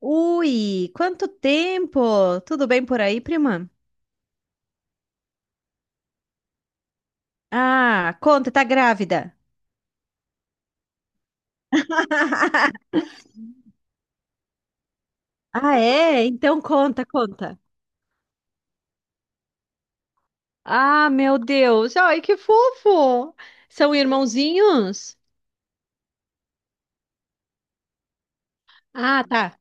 Ui, quanto tempo! Tudo bem por aí, prima? Ah, conta, tá grávida. Ah, é? Então conta, conta. Ah, meu Deus! Ai, que fofo! São irmãozinhos? Ah, tá.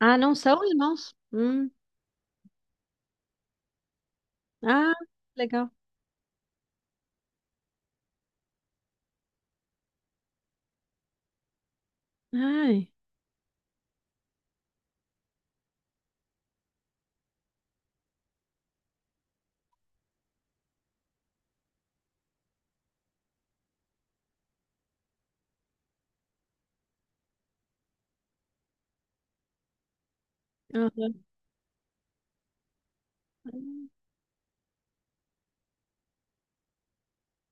Ah, não são irmãos? Hum. Ah, legal. Ai. Aham.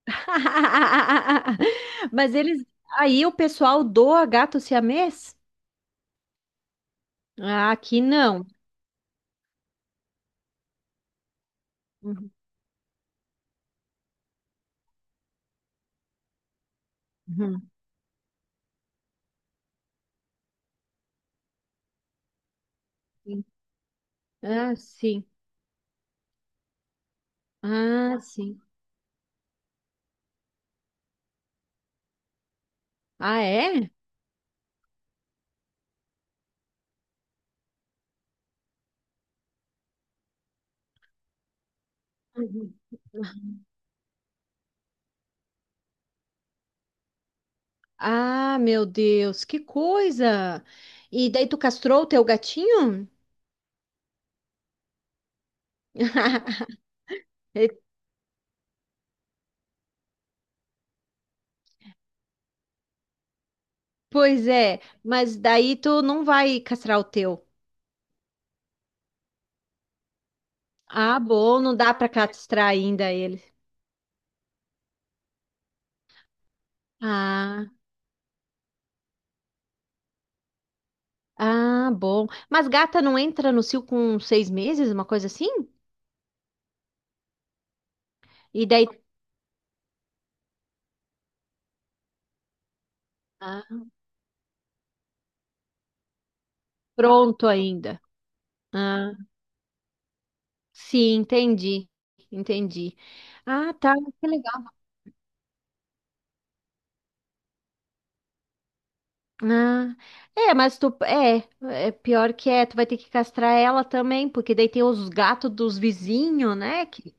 Mas eles. Aí o pessoal doa gato siamês? Ah, aqui não. Uhum. Uhum. Ah, sim. Ah, sim. Ah, é? Uhum. Ah, meu Deus, que coisa! E daí tu castrou o teu gatinho? Eh, pois é, mas daí tu não vai castrar o teu. Ah, bom, não dá pra castrar ainda ele. Ah, ah, bom. Mas gata não entra no cio com 6 meses, uma coisa assim? E daí, ah, pronto ainda. Ah, sim, entendi, entendi. Ah, tá, que legal. Ah, é, mas tu é pior que é, tu vai ter que castrar ela também, porque daí tem os gatos dos vizinhos, né?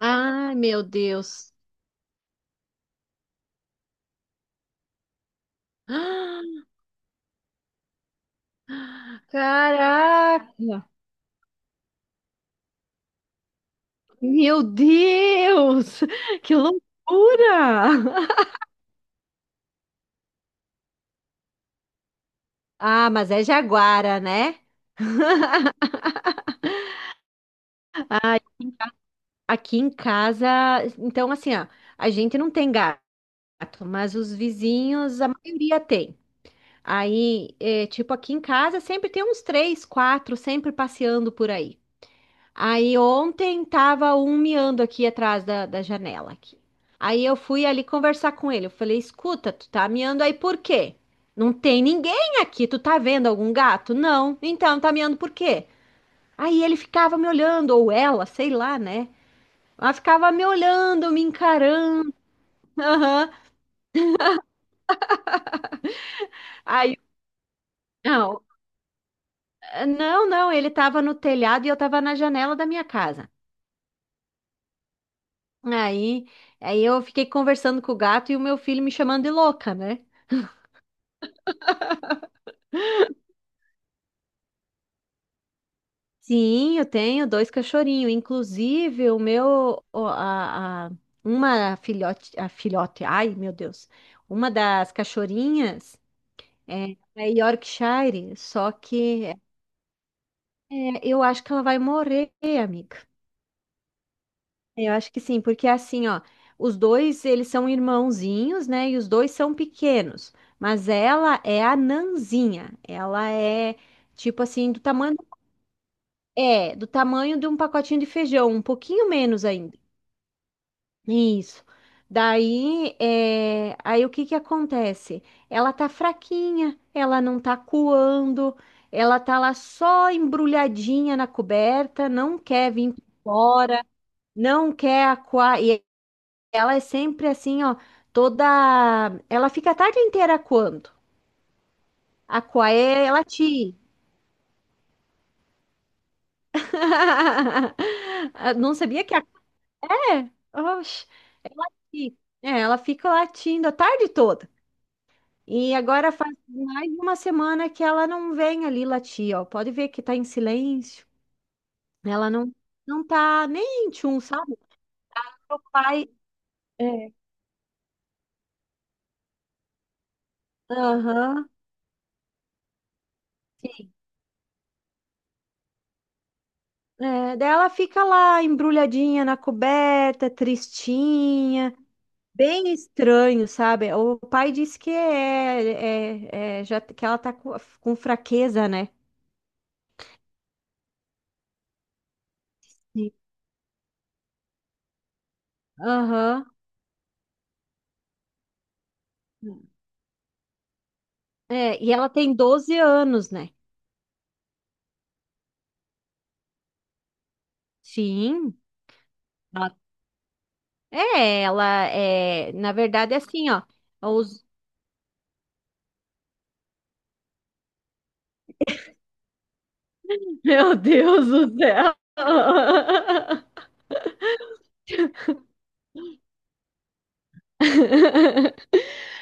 Ai, meu Deus. Ah, caraca! Meu Deus! Que loucura! Ah, mas é jaguara, né? Ai, aqui em casa, então assim, ó, a gente não tem gato, mas os vizinhos, a maioria tem. Aí, é, tipo, aqui em casa sempre tem uns três, quatro, sempre passeando por aí. Aí ontem tava um miando aqui atrás da janela aqui. Aí eu fui ali conversar com ele. Eu falei, escuta, tu tá miando aí por quê? Não tem ninguém aqui. Tu tá vendo algum gato? Não. Então, tá miando por quê? Aí ele ficava me olhando, ou ela, sei lá, né? Ela ficava me olhando, me encarando. Aham. Aí, não, não, não, ele tava no telhado e eu tava na janela da minha casa. Aí, aí eu fiquei conversando com o gato e o meu filho me chamando de louca, né? Sim, eu tenho dois cachorrinhos. Inclusive, o meu, o- a- uma filhote, a filhote, ai meu Deus, uma das cachorrinhas é Yorkshire, eu acho que ela vai morrer, amiga. Eu acho que sim, porque assim, ó, os dois, eles são irmãozinhos, né? E os dois são pequenos, mas ela é a nanzinha. Ela é tipo assim do tamanho do tamanho de um pacotinho de feijão, um pouquinho menos ainda. Isso. Daí, é, aí o que que acontece? Ela tá fraquinha, ela não tá coando, ela tá lá só embrulhadinha na coberta, não quer vir pra fora, não quer aquar. Ela é sempre assim, ó, toda. Ela fica a tarde inteira quando? A Quaé, ela te. Ah, não sabia que a Quaé? Oxe, ela, ela fica latindo a tarde toda. E agora faz mais de uma semana que ela não vem ali latir, ó. Pode ver que tá em silêncio. Ela não tá nem tchum, sabe? O pai. É. Aham. É, daí ela fica lá embrulhadinha na coberta, tristinha. Bem estranho, sabe? O pai disse que já que ela tá com fraqueza, né? Sim. Aham. É, e ela tem 12 anos, né? Sim. Ela- É, ela é, na verdade é assim, ó. Os... Meu Deus do céu.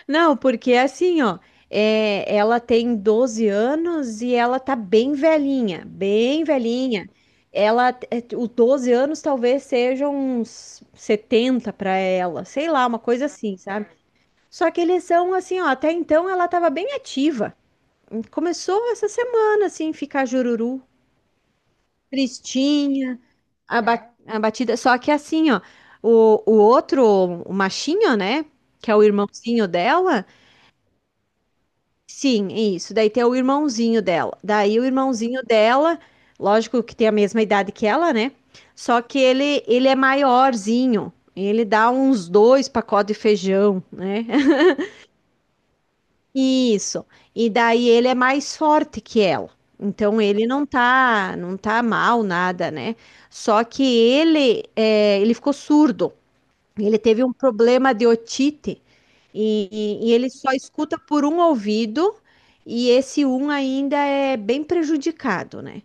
Não, porque é assim, ó, é, ela tem 12 anos e ela tá bem velhinha, bem velhinha. Ela, é, o 12 anos talvez seja uns 70 para ela, sei lá, uma coisa assim, sabe? Só que eles são assim, ó, até então ela tava bem ativa. Começou essa semana, assim, ficar jururu, tristinha, abatida. Só que assim, ó, o outro, o machinho, né, que é o irmãozinho dela, sim, isso. Daí tem o irmãozinho dela. Daí o irmãozinho dela, lógico que tem a mesma idade que ela, né? Só que ele é maiorzinho. Ele dá uns dois pacotes de feijão, né? Isso. E daí ele é mais forte que ela. Então ele não tá mal nada, né? Só que ele ficou surdo. Ele teve um problema de otite e, e ele só escuta por um ouvido e esse um ainda é bem prejudicado, né?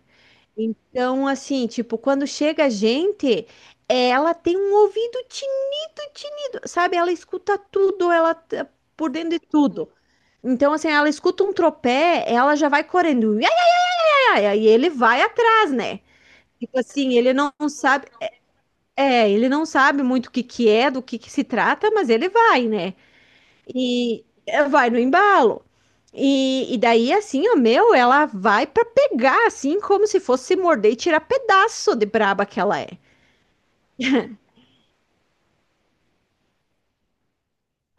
Então, assim, tipo, quando chega a gente, ela tem um ouvido tinido, tinido, sabe? Ela escuta tudo, ela tá por dentro de tudo. Então, assim, ela escuta um tropé, ela já vai correndo, ia, ia, ia, e ele vai atrás, né? Tipo assim, ele não sabe muito o que que é, do que se trata, mas ele vai, né? E é, vai no embalo. E daí, assim, ó, meu, ela vai pra pegar, assim, como se fosse se morder e tirar pedaço de braba que ela é.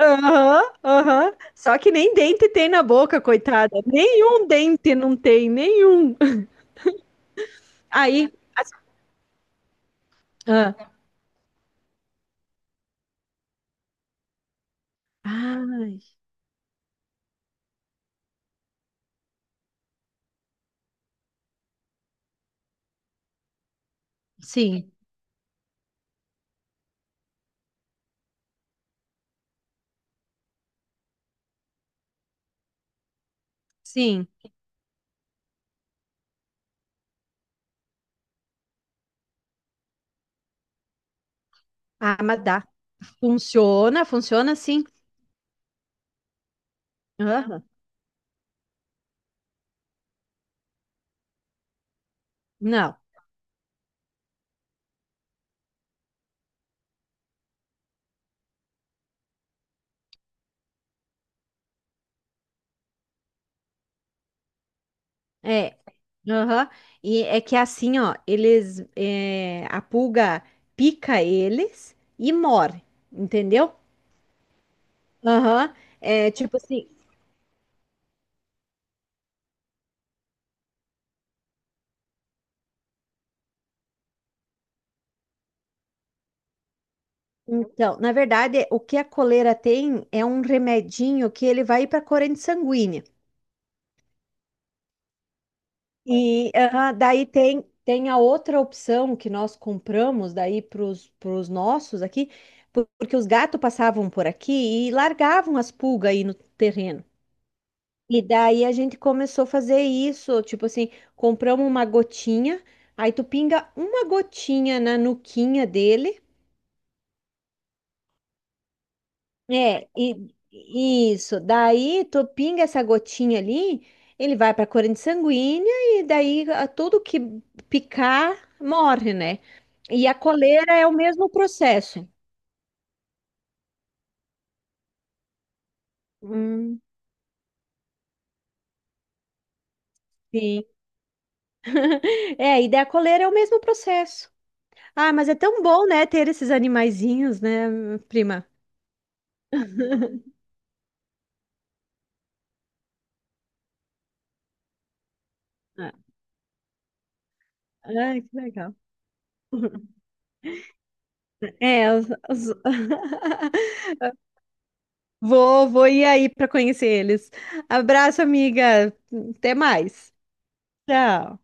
Aham, aham. Só que nem dente tem na boca, coitada. Nenhum dente não tem, nenhum. Aí. Ah, ai, sim, sim. Ah, mas dá. Funciona, funciona sim. Aham. Não. É, aham. E é que assim, ó, a pulga pica eles e morre, entendeu? Aham. É tipo assim, então, na verdade, o que a coleira tem é um remedinho que ele vai para a corrente sanguínea. E aham, daí tem a outra opção que nós compramos daí para os nossos aqui, porque os gatos passavam por aqui e largavam as pulgas aí no terreno. E daí a gente começou a fazer isso, tipo assim, compramos uma gotinha, aí tu pinga uma gotinha na nuquinha dele, é, e isso, daí tu pinga essa gotinha ali, ele vai pra corrente sanguínea e daí tudo que picar morre, né? E a coleira é o mesmo processo. Hum, sim. É, e daí a coleira é o mesmo processo. Ah, mas é tão bom, né, ter esses animaizinhos, né, prima? Ah, ai, que legal. É, vou ir aí para conhecer eles. Abraço, amiga. Até mais. Tchau.